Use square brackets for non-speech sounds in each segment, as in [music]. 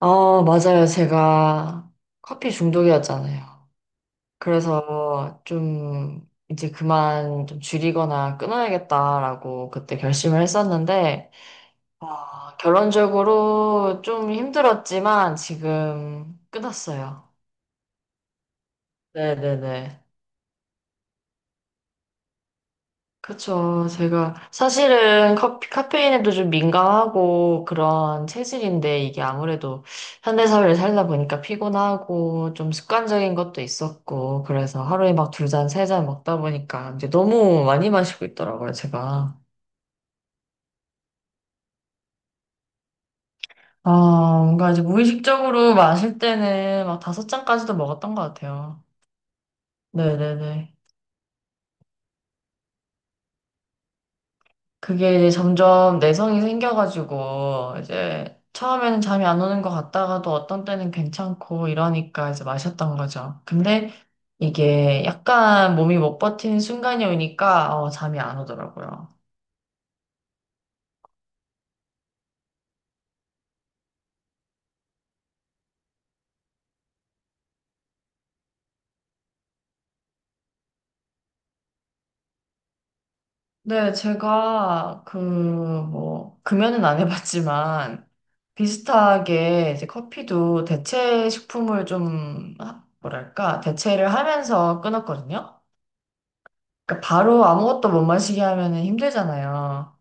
아, 맞아요. 제가 커피 중독이었잖아요. 그래서 좀 이제 그만 좀 줄이거나 끊어야겠다라고 그때 결심을 했었는데, 아, 결론적으로 좀 힘들었지만 지금 끊었어요. 네네네. 그쵸. 제가 사실은 커피, 카페인에도 좀 민감하고 그런 체질인데 이게 아무래도 현대사회를 살다 보니까 피곤하고 좀 습관적인 것도 있었고 그래서 하루에 막 2잔, 3잔 먹다 보니까 이제 너무 많이 마시고 있더라고요, 제가. 아, 뭔가 이제 무의식적으로 마실 때는 막 다섯 잔까지도 먹었던 것 같아요. 네네네. 그게 이제 점점 내성이 생겨가지고, 이제 처음에는 잠이 안 오는 것 같다가도 어떤 때는 괜찮고 이러니까 이제 마셨던 거죠. 근데 이게 약간 몸이 못 버티는 순간이 오니까 잠이 안 오더라고요. 네, 제가 그 뭐, 금연은 안 해봤지만, 비슷하게 이제 커피도 대체 식품을 좀, 뭐랄까, 대체를 하면서 끊었거든요. 그러니까 바로 아무것도 못 마시게 하면은 힘들잖아요.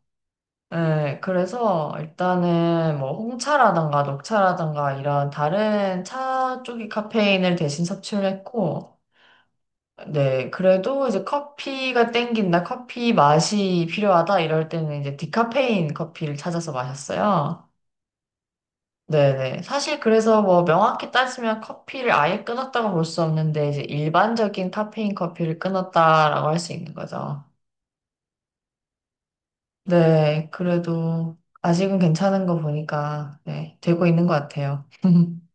네, 그래서 일단은 뭐 홍차라던가 녹차라던가 이런 다른 차 쪽의 카페인을 대신 섭취를 했고, 네, 그래도 이제 커피가 땡긴다, 커피 맛이 필요하다 이럴 때는 이제 디카페인 커피를 찾아서 마셨어요. 네네. 사실 그래서 뭐 명확히 따지면 커피를 아예 끊었다고 볼 수 없는데, 이제 일반적인 카페인 커피를 끊었다라고 할 수 있는 거죠. 네, 그래도 아직은 괜찮은 거 보니까, 네, 되고 있는 것 같아요. [laughs]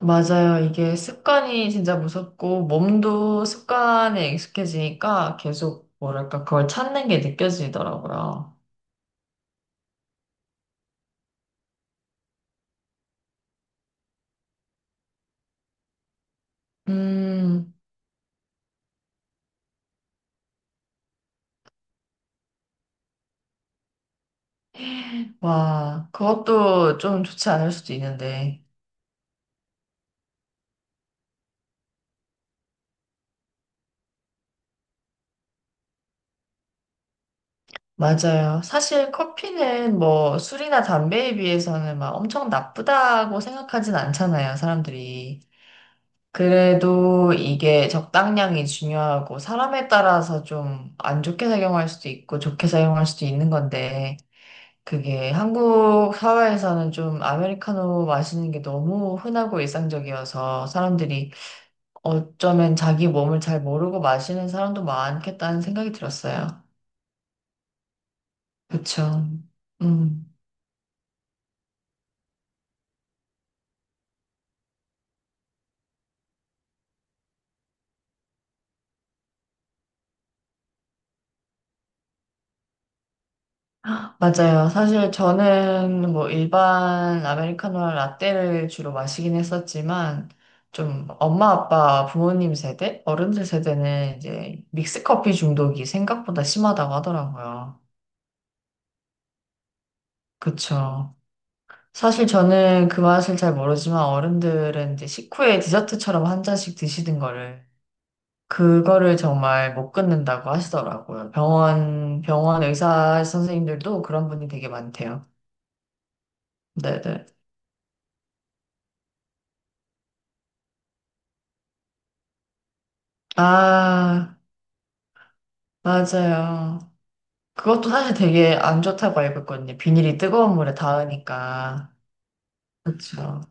맞아요. 이게 습관이 진짜 무섭고, 몸도 습관에 익숙해지니까 계속, 뭐랄까, 그걸 찾는 게 느껴지더라고요. 음. [gasps] 와, 그것도 좀 좋지 않을 수도 있는데. 맞아요. 사실 커피는 뭐 술이나 담배에 비해서는 막 엄청 나쁘다고 생각하진 않잖아요, 사람들이. 그래도 이게 적당량이 중요하고 사람에 따라서 좀 안 좋게 작용할 수도 있고 좋게 작용할 수도 있는 건데 그게 한국 사회에서는 좀 아메리카노 마시는 게 너무 흔하고 일상적이어서 사람들이 어쩌면 자기 몸을 잘 모르고 마시는 사람도 많겠다는 생각이 들었어요. 그쵸. 음. 맞아요. 사실 저는 뭐 일반 아메리카노랑 라떼를 주로 마시긴 했었지만 좀 엄마 아빠 부모님 세대 어른들 세대는 이제 믹스커피 중독이 생각보다 심하다고 하더라고요. 그쵸. 사실 저는 그 맛을 잘 모르지만 어른들은 이제 식후에 디저트처럼 1잔씩 드시는 거를 그거를 정말 못 끊는다고 하시더라고요. 병원 의사 선생님들도 그런 분이 되게 많대요. 네네. 아. 맞아요. 그것도 사실 되게 안 좋다고 알고 있거든요. 비닐이 뜨거운 물에 닿으니까. 그렇죠.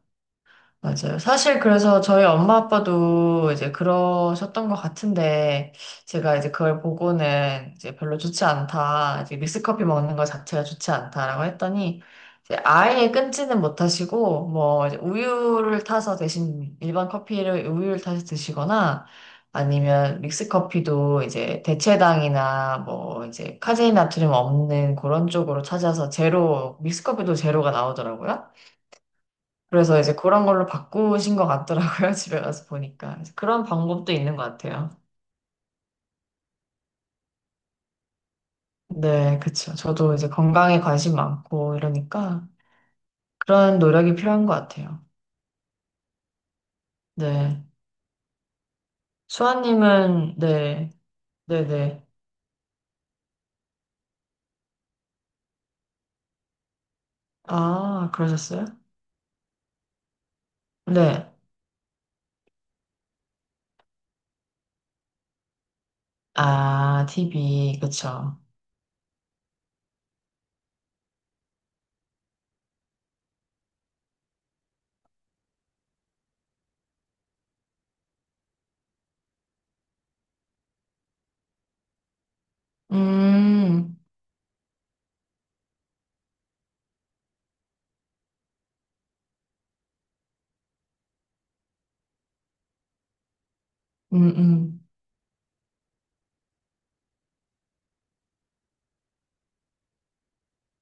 맞아요. 사실 그래서 저희 엄마 아빠도 이제 그러셨던 것 같은데, 제가 이제 그걸 보고는 이제 별로 좋지 않다, 이제 믹스커피 먹는 것 자체가 좋지 않다라고 했더니, 이제 아예 끊지는 못하시고, 뭐, 이제 우유를 타서 대신 일반 커피를 우유를 타서 드시거나, 아니면 믹스커피도 이제 대체당이나 뭐 이제 카제인 나트륨 없는 그런 쪽으로 찾아서 제로, 믹스커피도 제로가 나오더라고요. 그래서 이제 그런 걸로 바꾸신 것 같더라고요. [laughs] 집에 가서 보니까. 그래서 그런 방법도 있는 것 같아요. 네, 그쵸. 저도 이제 건강에 관심 많고 이러니까 그런 노력이 필요한 것 같아요. 네. 수아님은, 네, 네네. 아, 그러셨어요? 네. 아, TV, 그쵸. 음, 음, 음.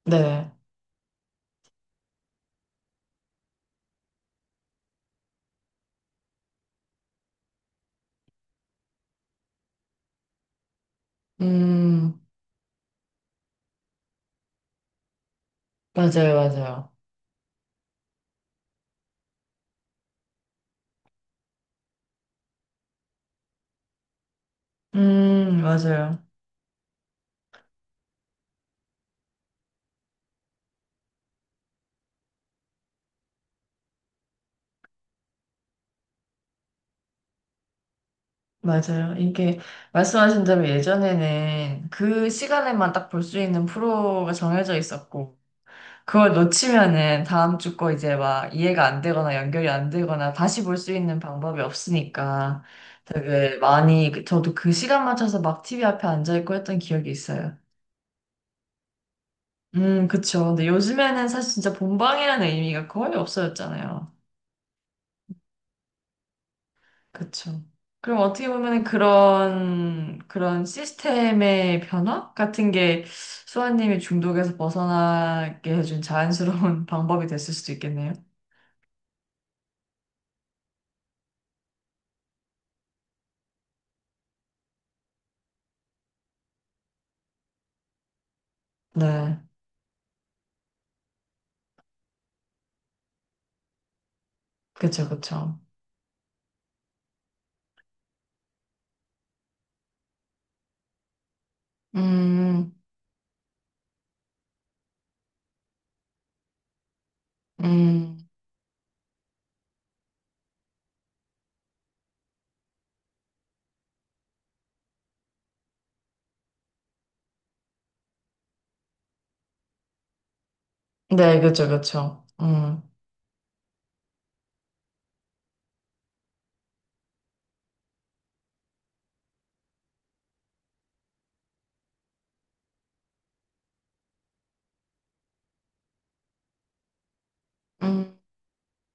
네. 음, 맞아요, 맞아요. 맞아요. 맞아요. 이게 말씀하신 대로 예전에는 그 시간에만 딱 볼 수 있는 프로가 정해져 있었고, 그걸 놓치면은 다음 주 거 이제 막 이해가 안 되거나 연결이 안 되거나 다시 볼 수 있는 방법이 없으니까 되게 많이, 저도 그 시간 맞춰서 막 TV 앞에 앉아있고 했던 기억이 있어요. 그쵸. 근데 요즘에는 사실 진짜 본방이라는 의미가 거의 없어졌잖아요. 그쵸. 그럼 어떻게 보면 그런, 그런 시스템의 변화 같은 게 수아님이 중독에서 벗어나게 해준 자연스러운 [laughs] 방법이 됐을 수도 있겠네요. 네. 그쵸, 그쵸. 음, 음. 네, 그쵸, 그쵸. 음.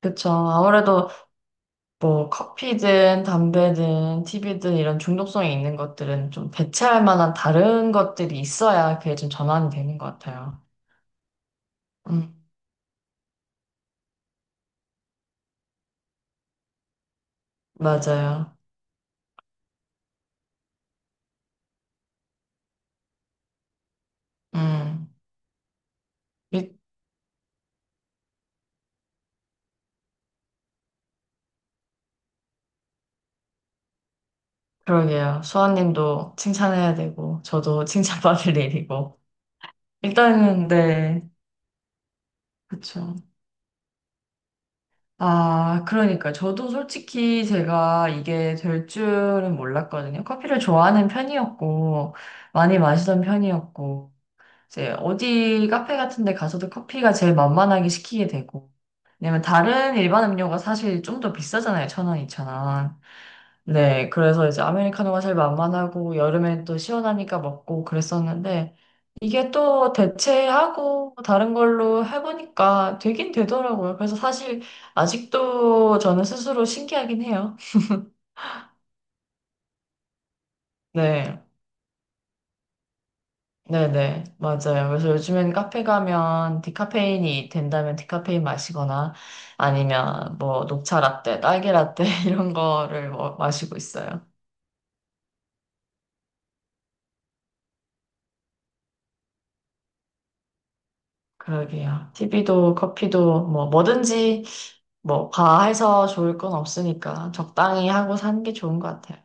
그쵸. 아무래도 뭐 커피든 담배든 TV든 이런 중독성이 있는 것들은 좀 대체할 만한 다른 것들이 있어야 그게 좀 전환이 되는 것 같아요. 음, 맞아요. 음. 일- 그러게요. 수아님도 칭찬해야 되고, 저도 칭찬받을 [laughs] 일이고. 일단은, 네. 그쵸. 아, 그러니까. 저도 솔직히 제가 이게 될 줄은 몰랐거든요. 커피를 좋아하는 편이었고, 많이 마시던 편이었고, 이제 어디 카페 같은 데 가서도 커피가 제일 만만하게 시키게 되고. 왜냐면 다른 일반 음료가 사실 좀 더 비싸잖아요. 1,000원, 2,000원. 네, 그래서 이제 아메리카노가 제일 만만하고 여름엔 또 시원하니까 먹고 그랬었는데 이게 또 대체하고 다른 걸로 해보니까 되긴 되더라고요. 그래서 사실 아직도 저는 스스로 신기하긴 해요. 네, 네네, 맞아요. 그래서 요즘엔 카페 가면 디카페인이 된다면 디카페인 마시거나 아니면 뭐 녹차 라떼, 딸기 라떼 [laughs] 이런 거를 뭐 마시고 있어요. 그러게요. TV도 커피도 뭐 뭐든지 뭐 과해서 좋을 건 없으니까 적당히 하고 사는 게 좋은 것 같아요.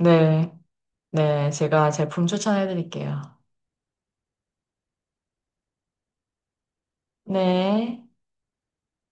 네, 네, 제가 제품 추천해 드릴게요. 네.